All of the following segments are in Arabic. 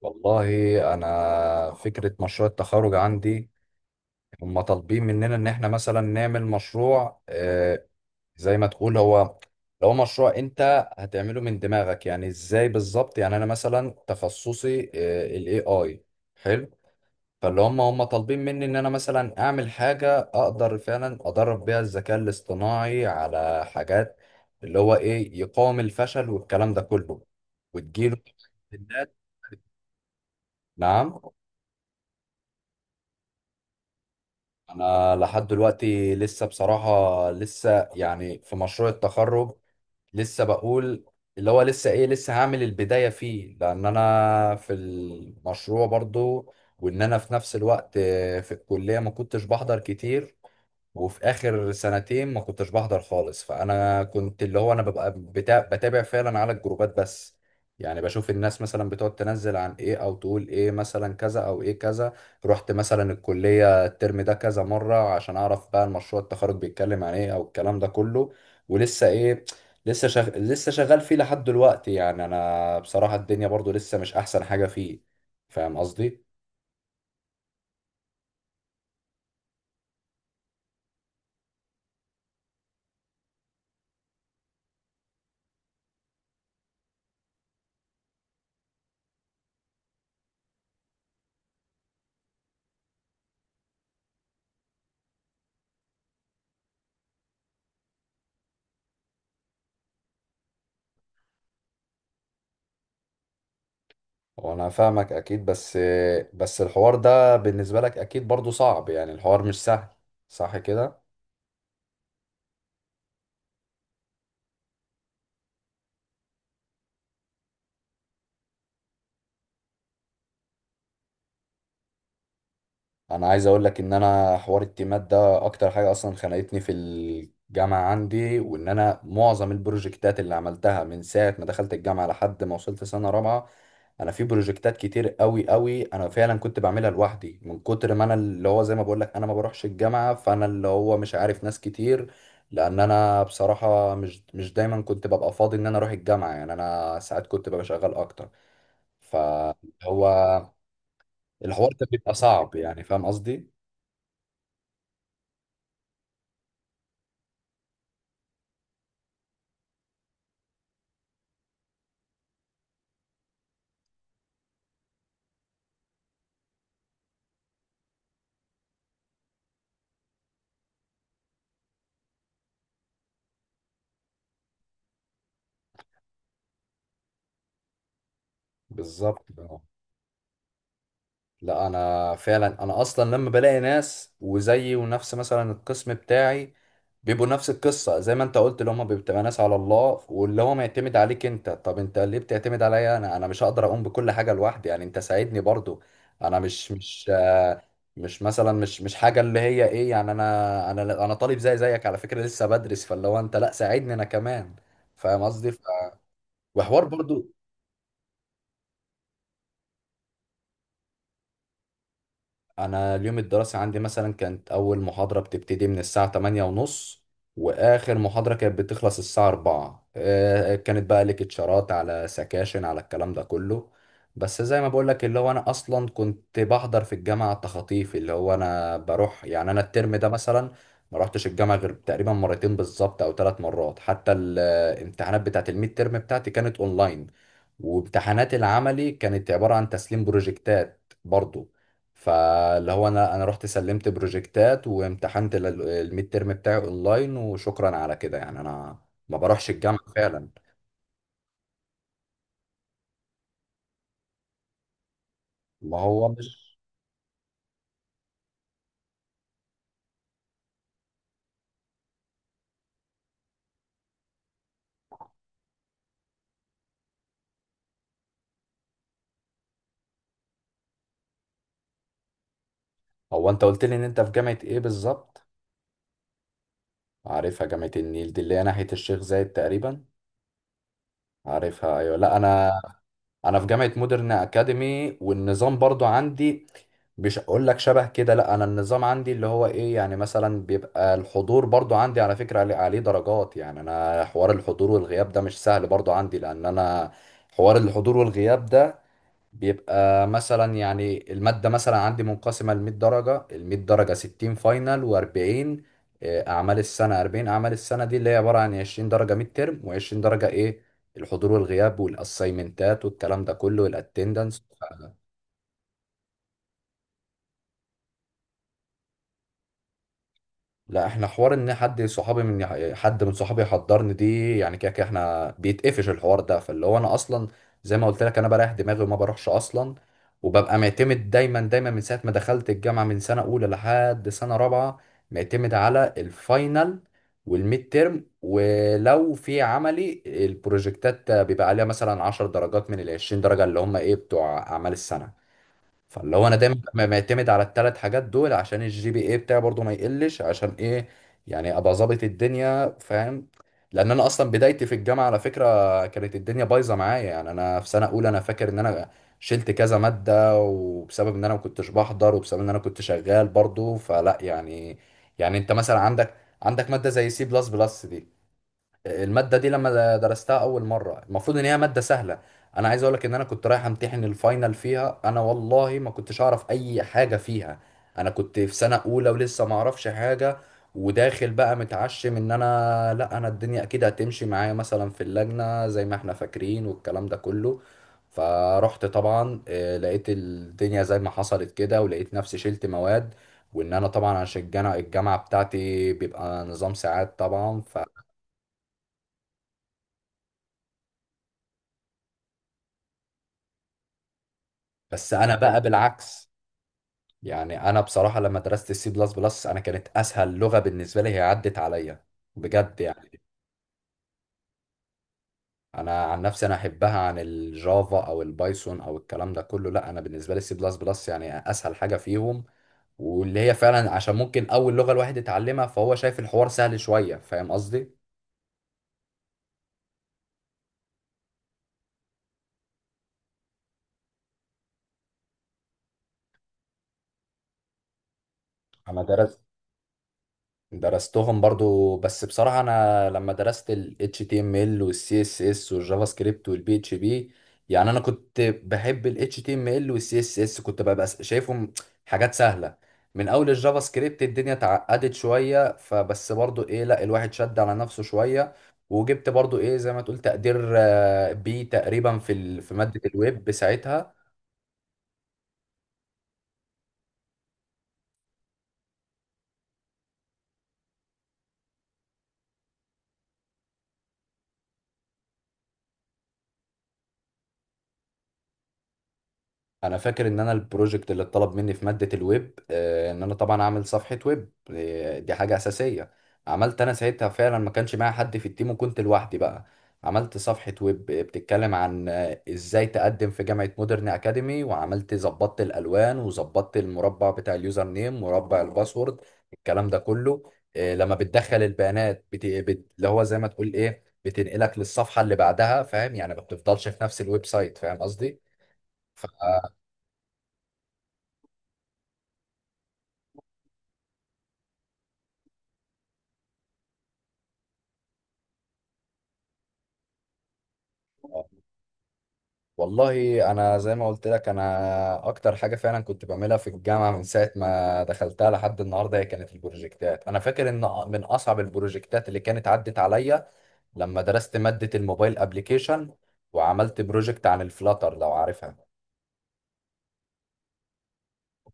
والله انا فكره مشروع التخرج عندي هم طالبين مننا ان احنا مثلا نعمل مشروع زي ما تقول هو لو مشروع انت هتعمله من دماغك يعني ازاي بالظبط. يعني انا مثلا تخصصي الاي اي حلو. فاللي هم طالبين مني ان انا مثلا اعمل حاجه اقدر فعلا ادرب بيها الذكاء الاصطناعي على حاجات اللي هو ايه يقاوم الفشل والكلام ده كله وتجيله تحديات. نعم. انا لحد دلوقتي لسه بصراحة لسه يعني في مشروع التخرج لسه بقول اللي هو لسه ايه لسه هعمل البداية فيه لان انا في المشروع برضو، وان انا في نفس الوقت في الكلية ما كنتش بحضر كتير، وفي اخر سنتين ما كنتش بحضر خالص. فانا كنت اللي هو انا ببقى بتابع فعلا على الجروبات بس. يعني بشوف الناس مثلا بتقعد تنزل عن ايه او تقول ايه مثلا كذا او ايه كذا. رحت مثلا الكلية الترم ده كذا مرة عشان اعرف بقى المشروع التخرج بيتكلم عن ايه او الكلام ده كله. ولسه ايه، لسه لسه شغال فيه لحد دلوقتي. يعني انا بصراحة الدنيا برضو لسه مش احسن حاجة فيه، فاهم قصدي؟ وانا فاهمك اكيد، بس بس الحوار ده بالنسبة لك اكيد برضو صعب. يعني الحوار مش سهل، صح كده؟ انا عايز اقول لك ان انا حوار التيمات ده اكتر حاجه اصلا خنقتني في الجامعه عندي، وان انا معظم البروجكتات اللي عملتها من ساعه ما دخلت الجامعه لحد ما وصلت سنه رابعه، انا في بروجكتات كتير قوي قوي انا فعلا كنت بعملها لوحدي من كتر ما انا اللي هو زي ما بقول لك انا ما بروحش الجامعه. فانا اللي هو مش عارف ناس كتير لان انا بصراحه مش دايما كنت ببقى فاضي ان انا اروح الجامعه. يعني انا ساعات كنت ببقى شغال اكتر فهو الحوار كان بيبقى صعب، يعني فاهم قصدي؟ بالظبط، اه. لا انا فعلا انا اصلا لما بلاقي ناس وزيي ونفس مثلا القسم بتاعي بيبقوا نفس القصه زي ما انت قلت، اللي هم بتبقى ناس على الله واللي هو معتمد عليك انت. طب انت ليه بتعتمد عليا؟ انا انا مش هقدر اقوم بكل حاجه لوحدي، يعني انت ساعدني برضو. انا مش مش مثلا مش حاجه اللي هي ايه. يعني انا انا طالب زي زيك على فكره، لسه بدرس، فاللي هو انت لا ساعدني انا كمان، فاهم قصدي؟ وحوار برضو. انا اليوم الدراسي عندي مثلا كانت اول محاضرة بتبتدي من الساعة 8 ونص واخر محاضرة كانت بتخلص الساعة 4، كانت بقى ليكتشرات على سكاشن على الكلام ده كله. بس زي ما بقولك اللي هو انا اصلا كنت بحضر في الجامعة التخاطيف، اللي هو انا بروح يعني انا الترم ده مثلا ما رحتش الجامعة غير تقريبا مرتين بالظبط او ثلاث مرات. حتى الامتحانات بتاعت الميد ترم بتاعتي كانت اونلاين، وامتحانات العملي كانت عبارة عن تسليم بروجكتات برضو. فاللي هو انا رحت سلمت بروجكتات وامتحنت الميد ترم بتاعي اونلاين وشكرا على كده. يعني انا ما بروحش الجامعه فعلا. ما هو مش. هو انت قلت لي ان انت في جامعه ايه بالظبط؟ عارفها جامعه النيل دي اللي هي ناحيه الشيخ زايد تقريبا. عارفها، ايوه. لا انا انا في جامعه مودرن اكاديمي والنظام برضو عندي مش هقول لك شبه كده. لا انا النظام عندي اللي هو ايه يعني مثلا بيبقى الحضور برضو عندي على فكره عليه درجات. يعني انا حوار الحضور والغياب ده مش سهل برضو عندي لان انا حوار الحضور والغياب ده بيبقى مثلا يعني المادة مثلا عندي منقسمة ل 100 درجة، ال 100 درجة 60 فاينل و40 أعمال السنة. 40 أعمال السنة دي اللي هي عبارة عن 20 درجة ميد ترم و20 درجة إيه، الحضور والغياب والأسايمنتات والكلام ده كله والأتندنس. لا احنا حوار ان حد صحابي من حد من صحابي يحضرني دي يعني كده كده احنا بيتقفش الحوار ده. فاللي هو انا اصلا زي ما قلت لك انا بريح دماغي وما بروحش اصلا. وببقى معتمد دايما دايما من ساعه ما دخلت الجامعه من سنه اولى لحد سنه رابعه معتمد على الفاينل والميد تيرم. ولو في عملي البروجكتات بيبقى عليها مثلا 10 درجات من ال 20 درجه اللي هم ايه بتوع اعمال السنه. فاللي هو انا دايما ببقى معتمد على الثلاث حاجات دول عشان الجي بي اي بتاعي برضو ما يقلش، عشان ايه، يعني ابقى ظابط الدنيا، فاهم؟ لان انا اصلا بدايتي في الجامعه على فكره كانت الدنيا بايظه معايا. يعني انا في سنه اولى انا فاكر ان انا شلت كذا ماده وبسبب ان انا ما كنتش بحضر وبسبب ان انا كنت شغال برضو. فلا يعني يعني انت مثلا عندك عندك ماده زي سي بلس بلس دي، المادة دي لما درستها أول مرة المفروض إن هي مادة سهلة. أنا عايز أقولك إن أنا كنت رايح أمتحن الفاينل فيها أنا والله ما كنتش أعرف أي حاجة فيها. أنا كنت في سنة أولى ولسه ما أعرفش حاجة، وداخل بقى متعشم إن أنا لأ أنا الدنيا أكيد هتمشي معايا مثلا في اللجنة زي ما إحنا فاكرين والكلام ده كله. فرحت طبعا لقيت الدنيا زي ما حصلت كده ولقيت نفسي شلت مواد. وان انا طبعا عشان الجامعه بتاعتي بيبقى نظام ساعات طبعا ف. بس انا بقى بالعكس. يعني انا بصراحه لما درست السي بلس بلس انا كانت اسهل لغه بالنسبه لي، هي عدت عليا بجد يعني. انا عن نفسي انا احبها عن الجافا او البايثون او الكلام ده كله. لا انا بالنسبه لي السي بلس بلس يعني اسهل حاجه فيهم، واللي هي فعلا عشان ممكن اول لغه الواحد يتعلمها فهو شايف الحوار سهل شويه، فاهم قصدي؟ انا درست درستهم برضو، بس بصراحة أنا لما درست ال HTML وال CSS والجافا سكريبت وال PHP، يعني أنا كنت بحب ال HTML وال CSS كنت ببقى شايفهم حاجات سهلة. من أول الجافا سكريبت الدنيا اتعقدت شوية فبس برضو إيه لا الواحد شد على نفسه شوية، وجبت برضو إيه زي ما تقول تقدير بي تقريبا في في مادة الويب ساعتها. انا فاكر ان انا البروجكت اللي اتطلب مني في ماده الويب ان انا طبعا اعمل صفحه ويب، دي حاجه اساسيه. عملت انا ساعتها فعلا، ما كانش معايا حد في التيم وكنت لوحدي بقى. عملت صفحه ويب بتتكلم عن ازاي تقدم في جامعه مودرن اكاديمي، وعملت ظبطت الالوان وظبطت المربع بتاع اليوزر نيم مربع الباسورد الكلام ده كله. لما بتدخل البيانات اللي هو زي ما تقول ايه بتنقلك للصفحه اللي بعدها، فاهم؟ يعني ما بتفضلش في نفس الويب سايت، فاهم قصدي؟ ف... والله انا زي ما قلت لك انا اكتر حاجه فعلا كنت بعملها في الجامعه من ساعه ما دخلتها لحد النهارده هي كانت البروجكتات. انا فاكر ان من اصعب البروجكتات اللي كانت عدت عليا لما درست ماده الموبايل ابليكيشن وعملت بروجكت عن الفلاتر، لو عارفها.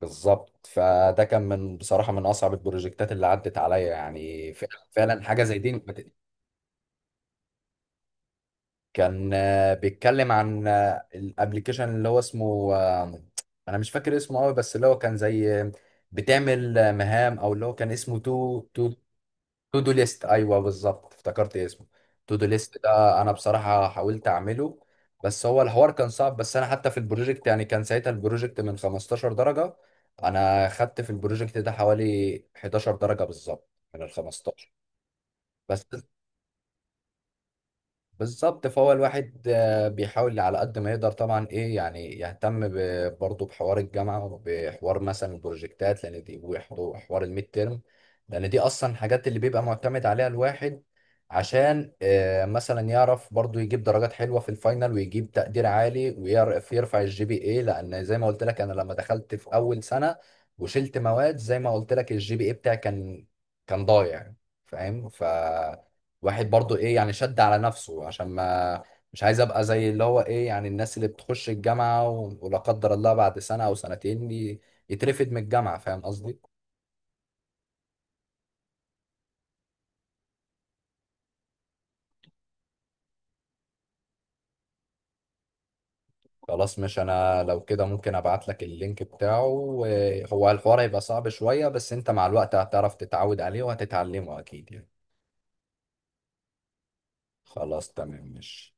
بالظبط، فده كان من بصراحه من اصعب البروجكتات اللي عدت عليا يعني فعلا فعلاً حاجه زي دي. كان بيتكلم عن الابلكيشن اللي هو اسمه انا مش فاكر اسمه قوي، بس اللي هو كان زي بتعمل مهام او اللي هو كان اسمه تو. تو دو ليست، ايوه بالظبط، افتكرت اسمه تو دو ليست. ده انا بصراحه حاولت اعمله، بس هو الحوار كان صعب. بس انا حتى في البروجكت يعني كان ساعتها البروجكت من 15 درجه، انا خدت في البروجكت ده حوالي 11 درجه بالظبط من ال 15. بس بالظبط، فهو الواحد بيحاول على قد ما يقدر طبعا ايه، يعني يهتم برضه بحوار الجامعه وبحوار مثلا البروجكتات لان دي وحوار الميد تيرم، لان دي اصلا الحاجات اللي بيبقى معتمد عليها الواحد عشان مثلا يعرف برضه يجيب درجات حلوه في الفاينل ويجيب تقدير عالي ويعرف يرفع الجي بي اي. لان زي ما قلت لك انا لما دخلت في اول سنه وشلت مواد زي ما قلت لك الجي بي اي بتاعي كان كان ضايع، فاهم؟ ف واحد برضو ايه يعني شد على نفسه عشان ما، مش عايز ابقى زي اللي هو ايه يعني الناس اللي بتخش الجامعة ولا قدر الله بعد سنة او سنتين يترفد من الجامعة، فاهم قصدي؟ خلاص مش انا لو كده ممكن ابعت لك اللينك بتاعه هو الحوار هيبقى صعب شوية بس انت مع الوقت هتعرف تتعود عليه وهتتعلمه اكيد يعني. خلاص تمام مش